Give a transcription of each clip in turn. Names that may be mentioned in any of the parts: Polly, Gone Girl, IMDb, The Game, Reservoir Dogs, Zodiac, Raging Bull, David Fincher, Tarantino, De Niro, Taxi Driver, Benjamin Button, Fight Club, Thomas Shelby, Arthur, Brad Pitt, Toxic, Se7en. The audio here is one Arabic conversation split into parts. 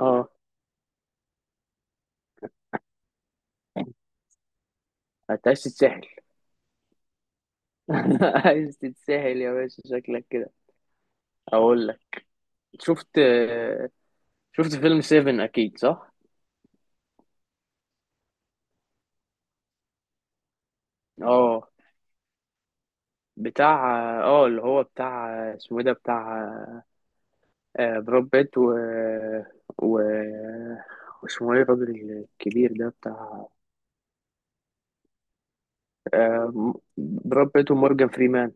اه. انت عايز تتسحل؟ عايز تتسحل يا باشا، شكلك كده. اقول لك، شفت شفت فيلم 7، اكيد صح؟ اه بتاع اه اللي هو بتاع اسمه ايه ده، بتاع آه، براد بيت و واسمه ايه الراجل الكبير ده، بتاع آه، براد بيت ومورجان فريمان.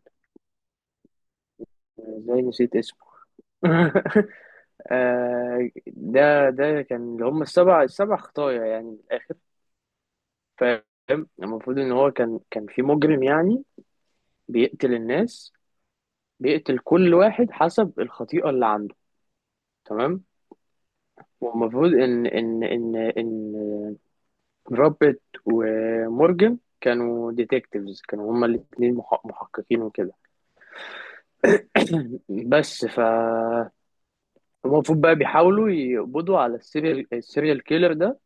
ازاي نسيت اسمه! آه، ده كان اللي هم السبع خطايا يعني من الآخر. فاهم؟ المفروض إن هو كان في مجرم يعني بيقتل الناس، بيقتل كل واحد حسب الخطيئة اللي عنده، تمام. والمفروض إن روبرت ومورجان كانوا ديتكتيفز، كانوا هما الاتنين محققين وكده. بس ف المفروض بقى بيحاولوا يقبضوا على السيريال كيلر ده،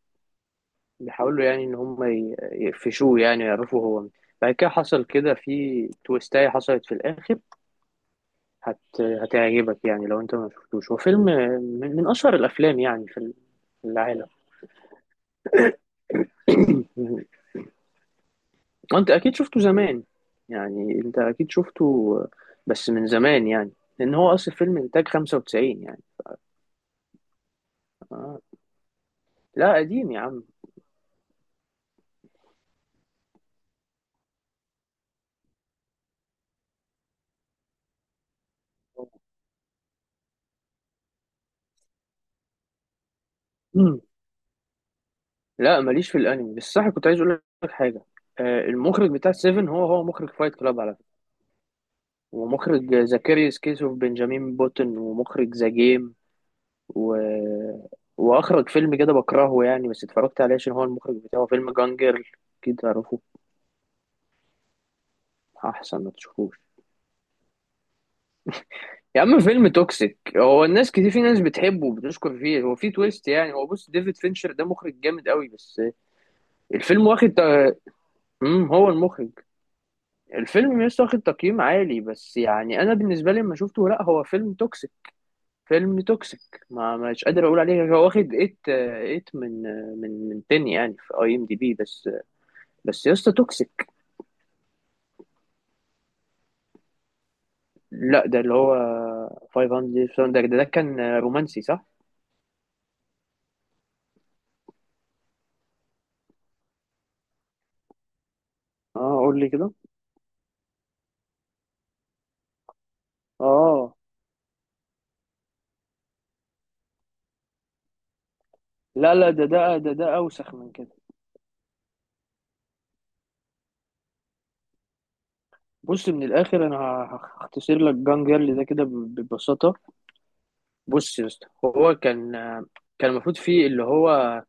بيحاولوا يعني ان هم يقفشوه، يعني يعرفوا هو مين. بعد كده حصل كده في تويستاية حصلت في الاخر. هت... هتعجبك يعني لو انت ما شفتوش. هو فيلم من اشهر الافلام يعني في في العالم. انت اكيد شفته زمان، يعني انت اكيد شفته بس من زمان يعني، لان هو اصل فيلم انتاج 95 يعني. آه. لا قديم يا عم. لا ماليش في الانمي، بس صح كنت عايز اقول لك حاجه. آه، المخرج بتاع سيفن هو مخرج فايت كلاب على، ومخرج زكريوس كيسو، بنجامين بوتن، ومخرج ذا جيم و... واخرج فيلم كده بكرهه يعني، بس اتفرجت عليه عشان هو المخرج بتاعه، فيلم جانجر. اكيد تعرفه. احسن ما تشوفوش. يا عم فيلم توكسيك، هو الناس كتير، في ناس بتحبه وبتشكر فيه، هو في تويست يعني. هو بص ديفيد فينشر ده مخرج جامد قوي بس. الفيلم واخد هو المخرج، الفيلم لسه واخد تقييم عالي بس، يعني انا بالنسبه لي لما شفته، لا هو فيلم توكسيك. فيلم توكسيك. ما مش قادر اقول عليه. هو واخد 8 8 من آه، من من 10 يعني في اي ام دي بي بس. بس يا اسطى توكسيك. لا ده اللي هو 500، ده كان رومانسي صح؟ اه قول لي كده. اه لا لا، ده اوسخ من كده. بص من الاخر انا هختصر لك، جان جيرل ده كده ببساطه. بص يا اسطى، هو كان المفروض فيه اللي هو،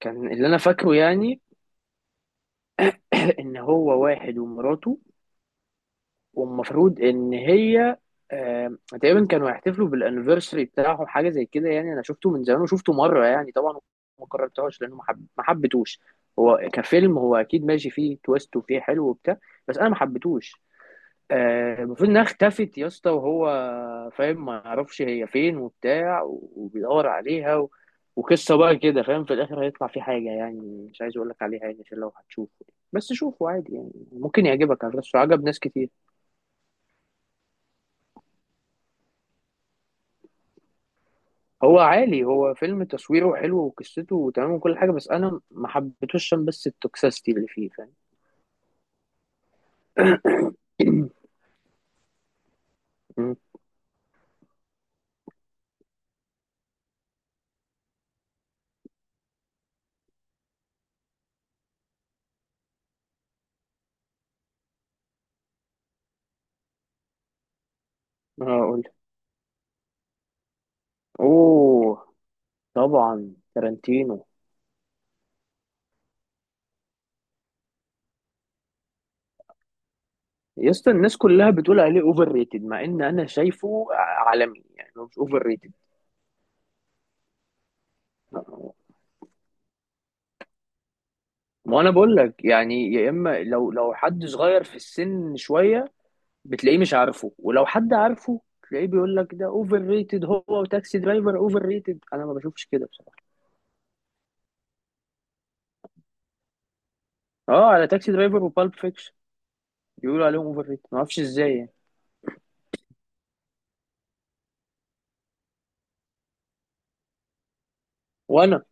كان اللي انا فاكره يعني، ان هو واحد ومراته، والمفروض ان هي آم، تقريبا كانوا هيحتفلوا بالانيفرساري بتاعهم حاجه زي كده. يعني انا شفته من زمان وشفته مره يعني طبعا ما كررتهوش لانه ما حبيتهوش. هو كفيلم هو اكيد ماشي، فيه تويست وفيه حلو وبتاع، بس انا ما حبيتهوش. آه، المفروض انها اختفت يا اسطى، وهو فاهم ما يعرفش هي فين وبتاع، وبيدور عليها وقصه بقى كده فاهم. في الاخر هيطلع فيه حاجه يعني مش عايز اقول لك عليها، يعني عشان لو هتشوفه، بس شوفه عادي، يعني ممكن يعجبك، على فكرة عجب ناس كتير. هو عالي، هو فيلم تصويره حلو وقصته تمام وكل حاجة، بس أنا ما حبيتهوش عشان بس التوكسيستي اللي فيه، فاهم. أمم، هقول أوه طبعا تارانتينو. يا اسطى الناس كلها بتقول عليه اوفر ريتد، مع ان انا شايفه عالمي، يعني هو مش اوفر ريتد. ما انا بقول لك يعني، يا اما لو حد صغير في السن شويه بتلاقيه مش عارفه، ولو حد عارفه تلاقيه بيقول لك ده اوفر ريتد، هو وتاكسي درايفر اوفر ريتد، انا ما بشوفش كده. اه على تاكسي درايفر وبالب فيكشن، بيقولوا عليهم اوفر ريت، ما اعرفش ازاي يعني. وانا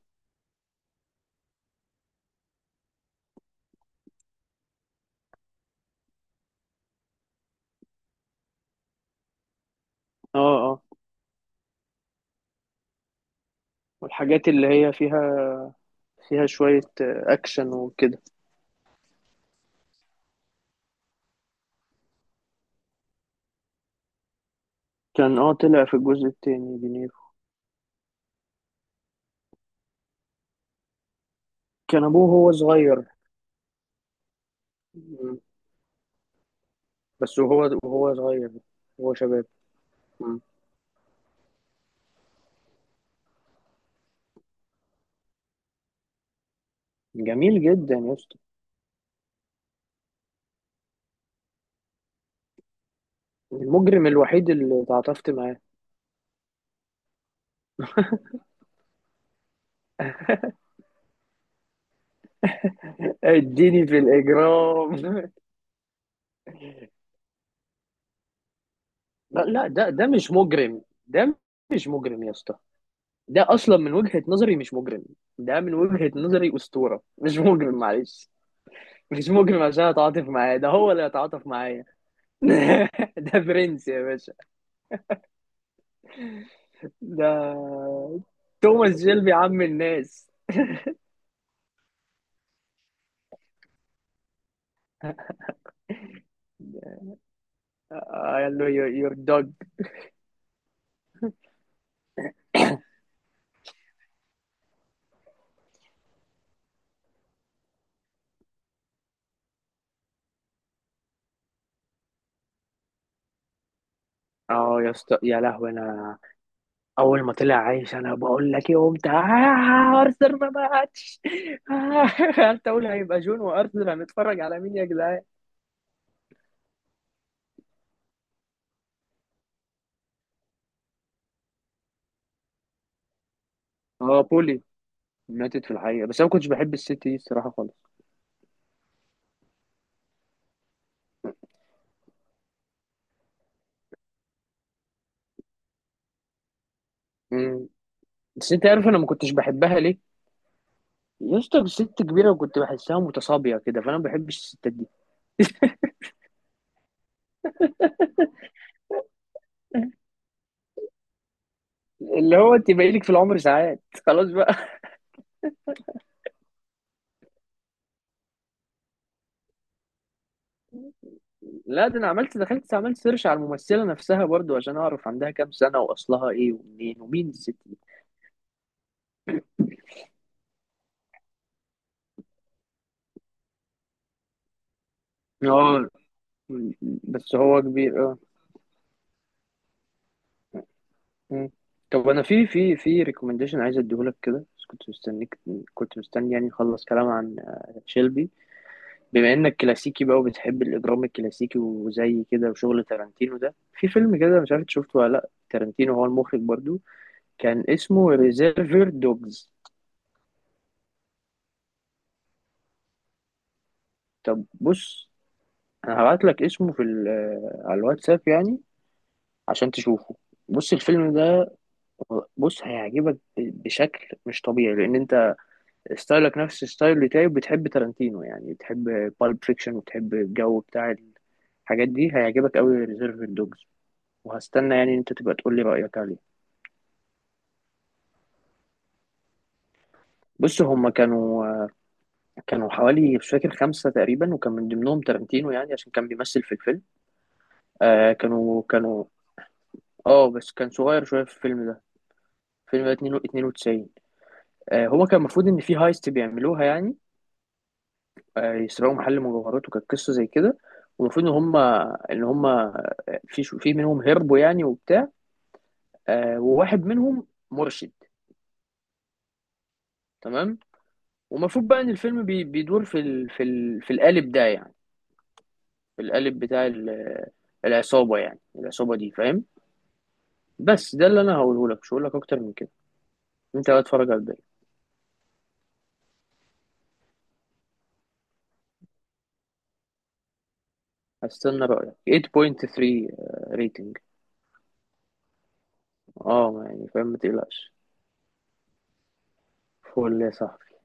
اه والحاجات اللي هي فيها، فيها شوية آه، اكشن وكده. كان اه طلع في الجزء التاني دينيرو، كان ابوه هو صغير. مم. بس وهو صغير وهو شباب. مم. جميل جدا يا اسطى. المجرم الوحيد اللي تعاطفت معاه، اديني في الاجرام. لا لا، ده مش مجرم. ده مش مجرم يا اسطى. ده اصلا من وجهة نظري مش مجرم، ده من وجهة نظري اسطورة مش مجرم، معلش. مش مجرم عشان اتعاطف معاه، ده هو اللي اتعاطف معايا. ده برنس يا باشا. ده توماس جيلبي، عم الناس. قال له يور دوج. اه يا اسطى يا لهوي. انا اول ما طلع عايش انا بقول لك ايه، قمت آه، ارثر ما ماتش. آه، قلت اقول هيبقى جون وارثر، هنتفرج على مين يا جدعان. اه بولي. ماتت في الحقيقة، بس انا ما كنتش بحب الست دي الصراحة، خالص. بس انت عارف انا ما كنتش بحبها ليه؟ يا اسطى ست كبيره، وكنت بحسها متصابيه كده، فانا ما بحبش الستات دي. اللي هو انت باقي لك في العمر ساعات خلاص بقى. لا ده انا عملت، دخلت عملت سيرش على الممثله نفسها برضو عشان اعرف عندها كام سنه، واصلها ايه ومنين ومين الست دي. اه م- بس هو كبير اه. م. طب انا في ريكومنديشن عايز اديهولك كده، بس كنت مستنيك، كنت مستني يعني نخلص كلام عن شيلبي. بما انك كلاسيكي بقى، وبتحب الاجرام الكلاسيكي وزي كده وشغل تارانتينو، ده في فيلم كده مش عارف إنت شفته ولا لا، تارانتينو هو المخرج برضو، كان اسمه ريزيرفر دوجز. طب بص، انا هبعت لك اسمه في آه، على الواتساب يعني، عشان تشوفه. بص الفيلم ده، بص هيعجبك بشكل مش طبيعي، لان انت ستايلك نفس الستايل بتاعي، وبتحب تارانتينو، يعني بتحب بالب فيكشن، وبتحب الجو بتاع الحاجات دي، هيعجبك قوي ريزيرفر دوجز. وهستنى يعني إن انت تبقى تقول لي رأيك عليه. بص هما كانوا حوالي مش فاكر خمسة تقريبا، وكان من ضمنهم تارانتينو يعني عشان كان بيمثل في الفيلم. آه كانوا، بس كان صغير شوية في الفيلم ده. الفيلم ده 92. آه هو كان المفروض إن في هايست بيعملوها يعني. آه يسرقوا محل مجوهرات، وكانت قصة زي كده. والمفروض إن هما في في منهم هربوا يعني وبتاع. آه وواحد منهم مرشد. تمام. ومفروض بقى إن الفيلم بيدور في القالب ده يعني، القالب بتاع العصابة، يعني العصابة دي فاهم. بس ده اللي انا هقوله لك، مش هقول لك اكتر من كده. انت بقى اتفرج على الباقي. هستنى رأيك، 8.3 ريتنج. اه يعني فاهم، ما تقلقش. فول يا صاحبي.